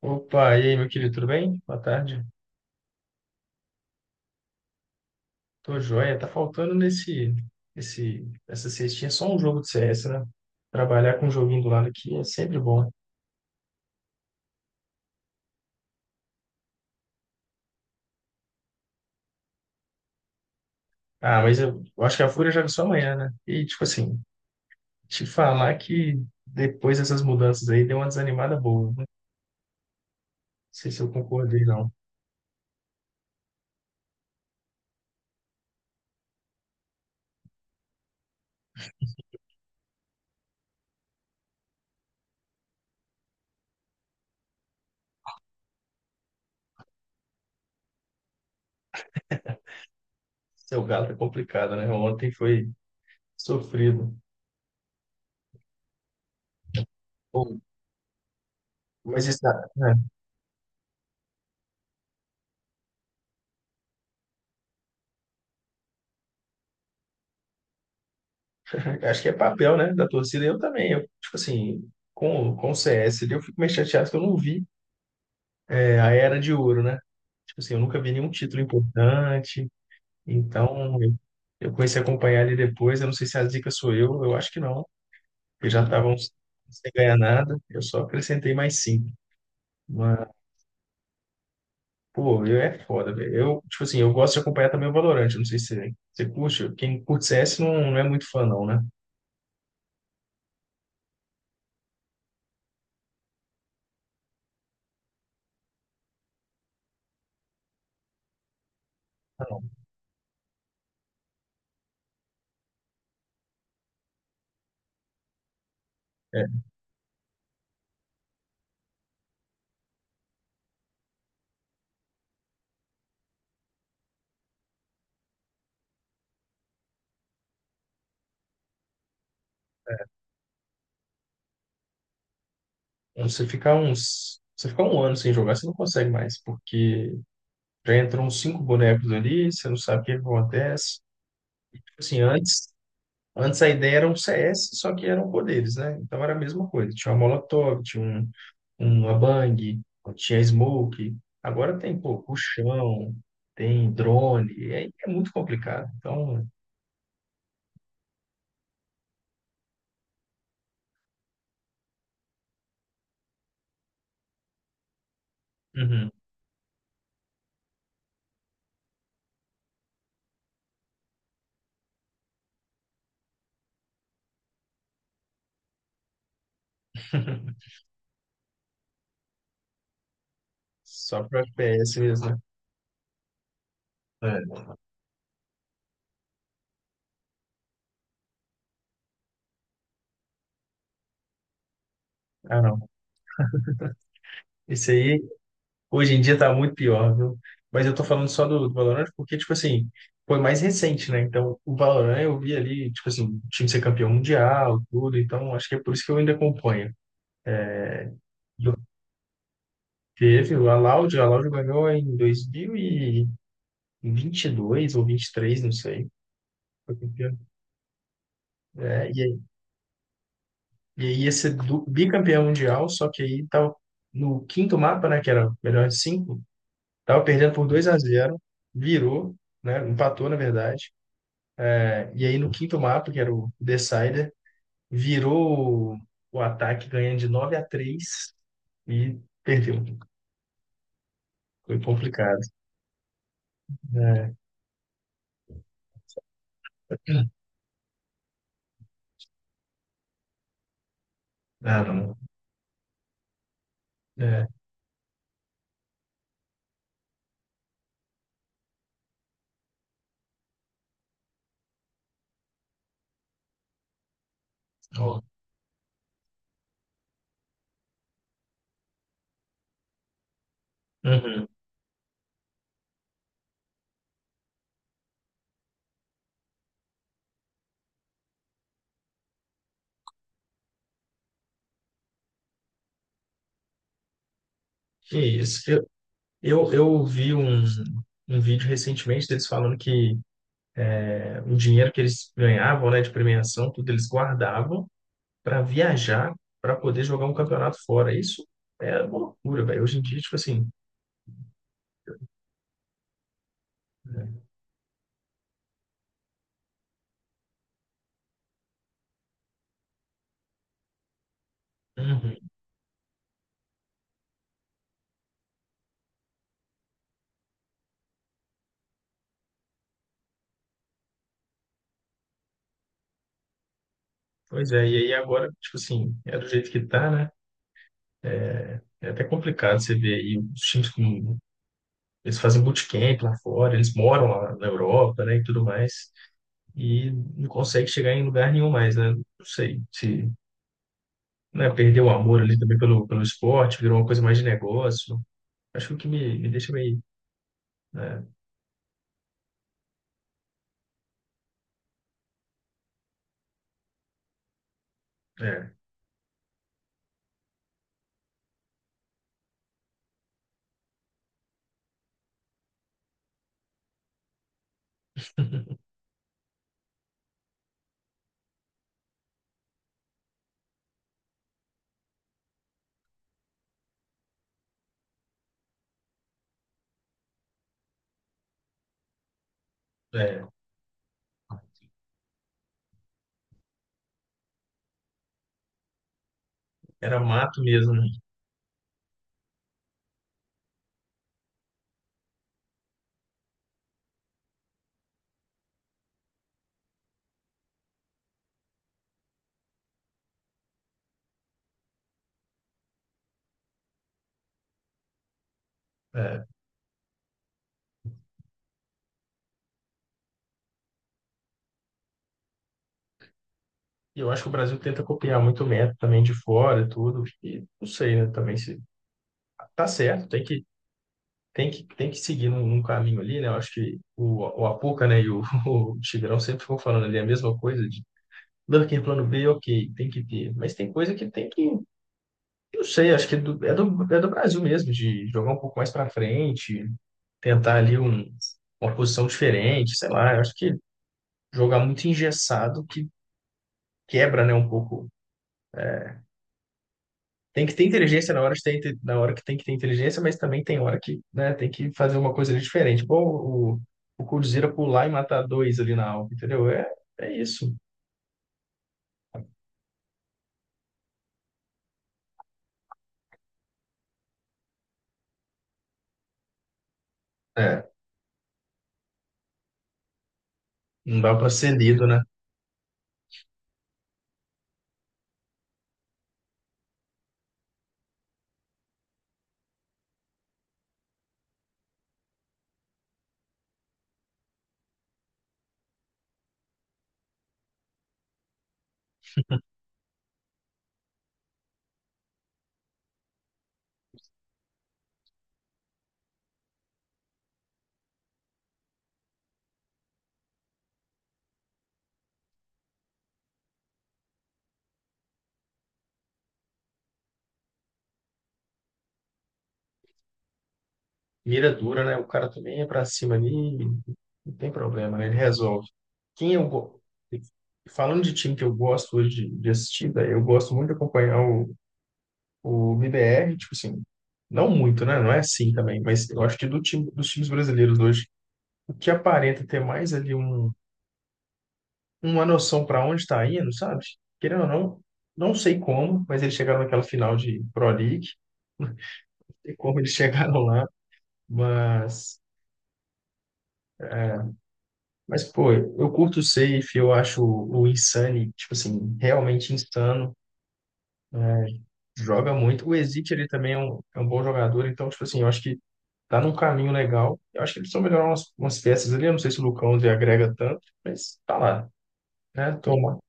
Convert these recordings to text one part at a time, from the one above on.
Opa, e aí, meu querido, tudo bem? Boa tarde. Tô joia. Tá faltando essa cestinha só um jogo de CS, né? Trabalhar com um joguinho do lado aqui é sempre bom. Ah, mas eu acho que a Fúria joga só amanhã, né? E, tipo assim, te falar que depois dessas mudanças aí deu uma desanimada boa, né? Não sei se eu concordei, não. Seu galo é complicado, né? Ontem foi sofrido. Bom, mas isso, é, acho que é papel, né, da torcida. Eu também, eu, tipo assim, com o CS, ali, eu fico meio chateado que eu não vi a era de ouro, né? Tipo assim, eu nunca vi nenhum título importante, então eu comecei a acompanhar ali depois. Eu não sei se a dica sou eu acho que não, porque já tava sem ganhar nada, eu só acrescentei mais cinco. Mas, pô, eu é foda, velho. Eu, tipo assim, eu gosto de acompanhar também o Valorant, eu não sei se você curte, quem curte CS não, não é muito fã, não, né? Ah, não. É, é, você ficar uns. Você ficar um ano sem jogar, você não consegue mais, porque já entram uns cinco bonecos ali, você não sabe o que acontece. E, tipo assim, antes. Antes a ideia era um CS, só que eram poderes, né? Então era a mesma coisa. Tinha uma Molotov, tinha um, uma Bang, tinha Smoke. Agora tem, pô, puxão, tem drone. É, é muito complicado. Então, uhum. Só pro FPS mesmo, né? É. Ah, não. Isso aí, hoje em dia tá muito pior, viu? Mas eu tô falando só do, do Valorant porque, tipo assim, foi mais recente, né? Então, o Valorant eu vi ali, tipo assim, o time ser campeão mundial, tudo. Então, acho que é por isso que eu ainda acompanho. Teve o Alaud ganhou em 2022 ou 23, não sei. Foi campeão. É, e, e aí ia ser bicampeão mundial, só que aí tava no quinto mapa, né, que era o melhor de cinco, tava perdendo por 2 a 0, virou, né, empatou na verdade. É, e aí no quinto mapa, que era o Decider, virou o ataque ganhando de 9 a 3 e perdeu. Foi complicado. É. Ah, não. É. Ó. Uhum. Que isso. Eu vi um, um vídeo recentemente deles falando que é, o dinheiro que eles ganhavam, né, de premiação, tudo eles guardavam para viajar, para poder jogar um campeonato fora. Isso é uma loucura, velho. Hoje em dia, tipo assim, uhum. Pois é, e aí agora, tipo assim, é do jeito que tá, né? É até complicado você ver aí os times com. Eles fazem bootcamp lá fora, eles moram lá na Europa, né, e tudo mais, e não consegue chegar em lugar nenhum mais, né? Não sei se, né, perdeu o amor ali também pelo, pelo esporte, virou uma coisa mais de negócio. Acho que o que me deixa meio. Né, é, é, era mato mesmo, né? É. E eu acho que o Brasil tenta copiar muito o método também de fora e tudo. E não sei, né? Também se tá certo, tem que seguir num, num caminho ali, né? Eu acho que o Apuca, né, e o, o Tigrão sempre ficam falando ali a mesma coisa de não, que plano B, ok, tem que ter. Mas tem coisa que tem que. Eu não sei, acho que é é do Brasil mesmo, de jogar um pouco mais para frente, tentar ali um, uma posição diferente, sei lá. Eu acho que jogar muito engessado que quebra, né, um pouco. Tem que ter inteligência na hora de ter, na hora que tem que ter inteligência, mas também tem hora que, né, tem que fazer uma coisa ali diferente. Pô, o Cruzeiro pular e matar dois ali na alta, entendeu? É, é isso. É, não dá para ser lido, né? Mira dura, né? O cara também é para cima ali, não tem problema, né? Ele resolve. Quem eu go- Falando de time que eu gosto hoje de assistir, daí eu gosto muito de acompanhar o BBR, tipo assim, não muito, né? Não é assim também, mas eu acho que do time, dos times brasileiros hoje, o que aparenta ter mais ali um, uma noção para onde está indo, sabe? Querendo ou não, não sei como, mas eles chegaram naquela final de Pro League, não sei como eles chegaram lá, mas, mas pô, eu curto o Seif, eu acho o Insane, tipo assim, realmente insano, né? Joga muito. O Ezequiel, ele também é um bom jogador, então, tipo assim, eu acho que tá num caminho legal. Eu acho que eles precisam melhorar umas, umas peças ali. Eu não sei se o Lucão ele agrega tanto, mas tá lá, né? Toma.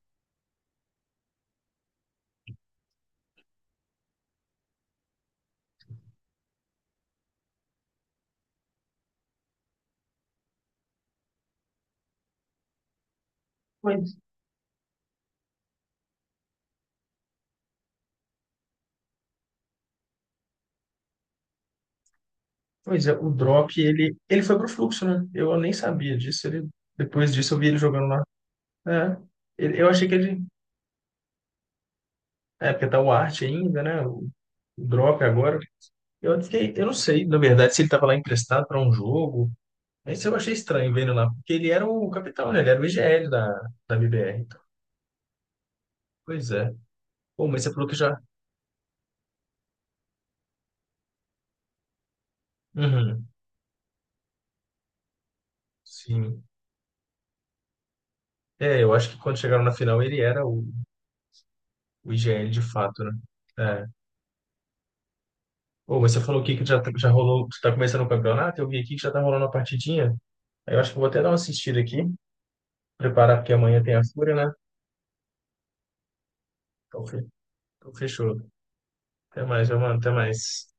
Pois, pois é, o Drop, ele foi pro fluxo, né? Eu nem sabia disso. Ele, depois disso eu vi ele jogando lá. É, eu achei que ele. É, porque tá o Arte ainda, né? O Drop agora. Eu fiquei, eu não sei, na verdade, se ele tava lá emprestado para um jogo. Mas eu achei estranho vendo lá, porque ele era o capitão, né? Ele era o IGL da, da BBR. Então, pois é. Pô, mas você falou que já. Uhum, sim. É, eu acho que quando chegaram na final ele era o IGL de fato, né? É. Ô, mas você falou aqui que já, já rolou, que tá começando o campeonato, eu vi aqui que já tá rolando uma partidinha. Aí eu acho que eu vou até dar uma assistida aqui, preparar porque amanhã tem a Fúria, né? Então, fe- então fechou. Até mais, meu mano, até mais.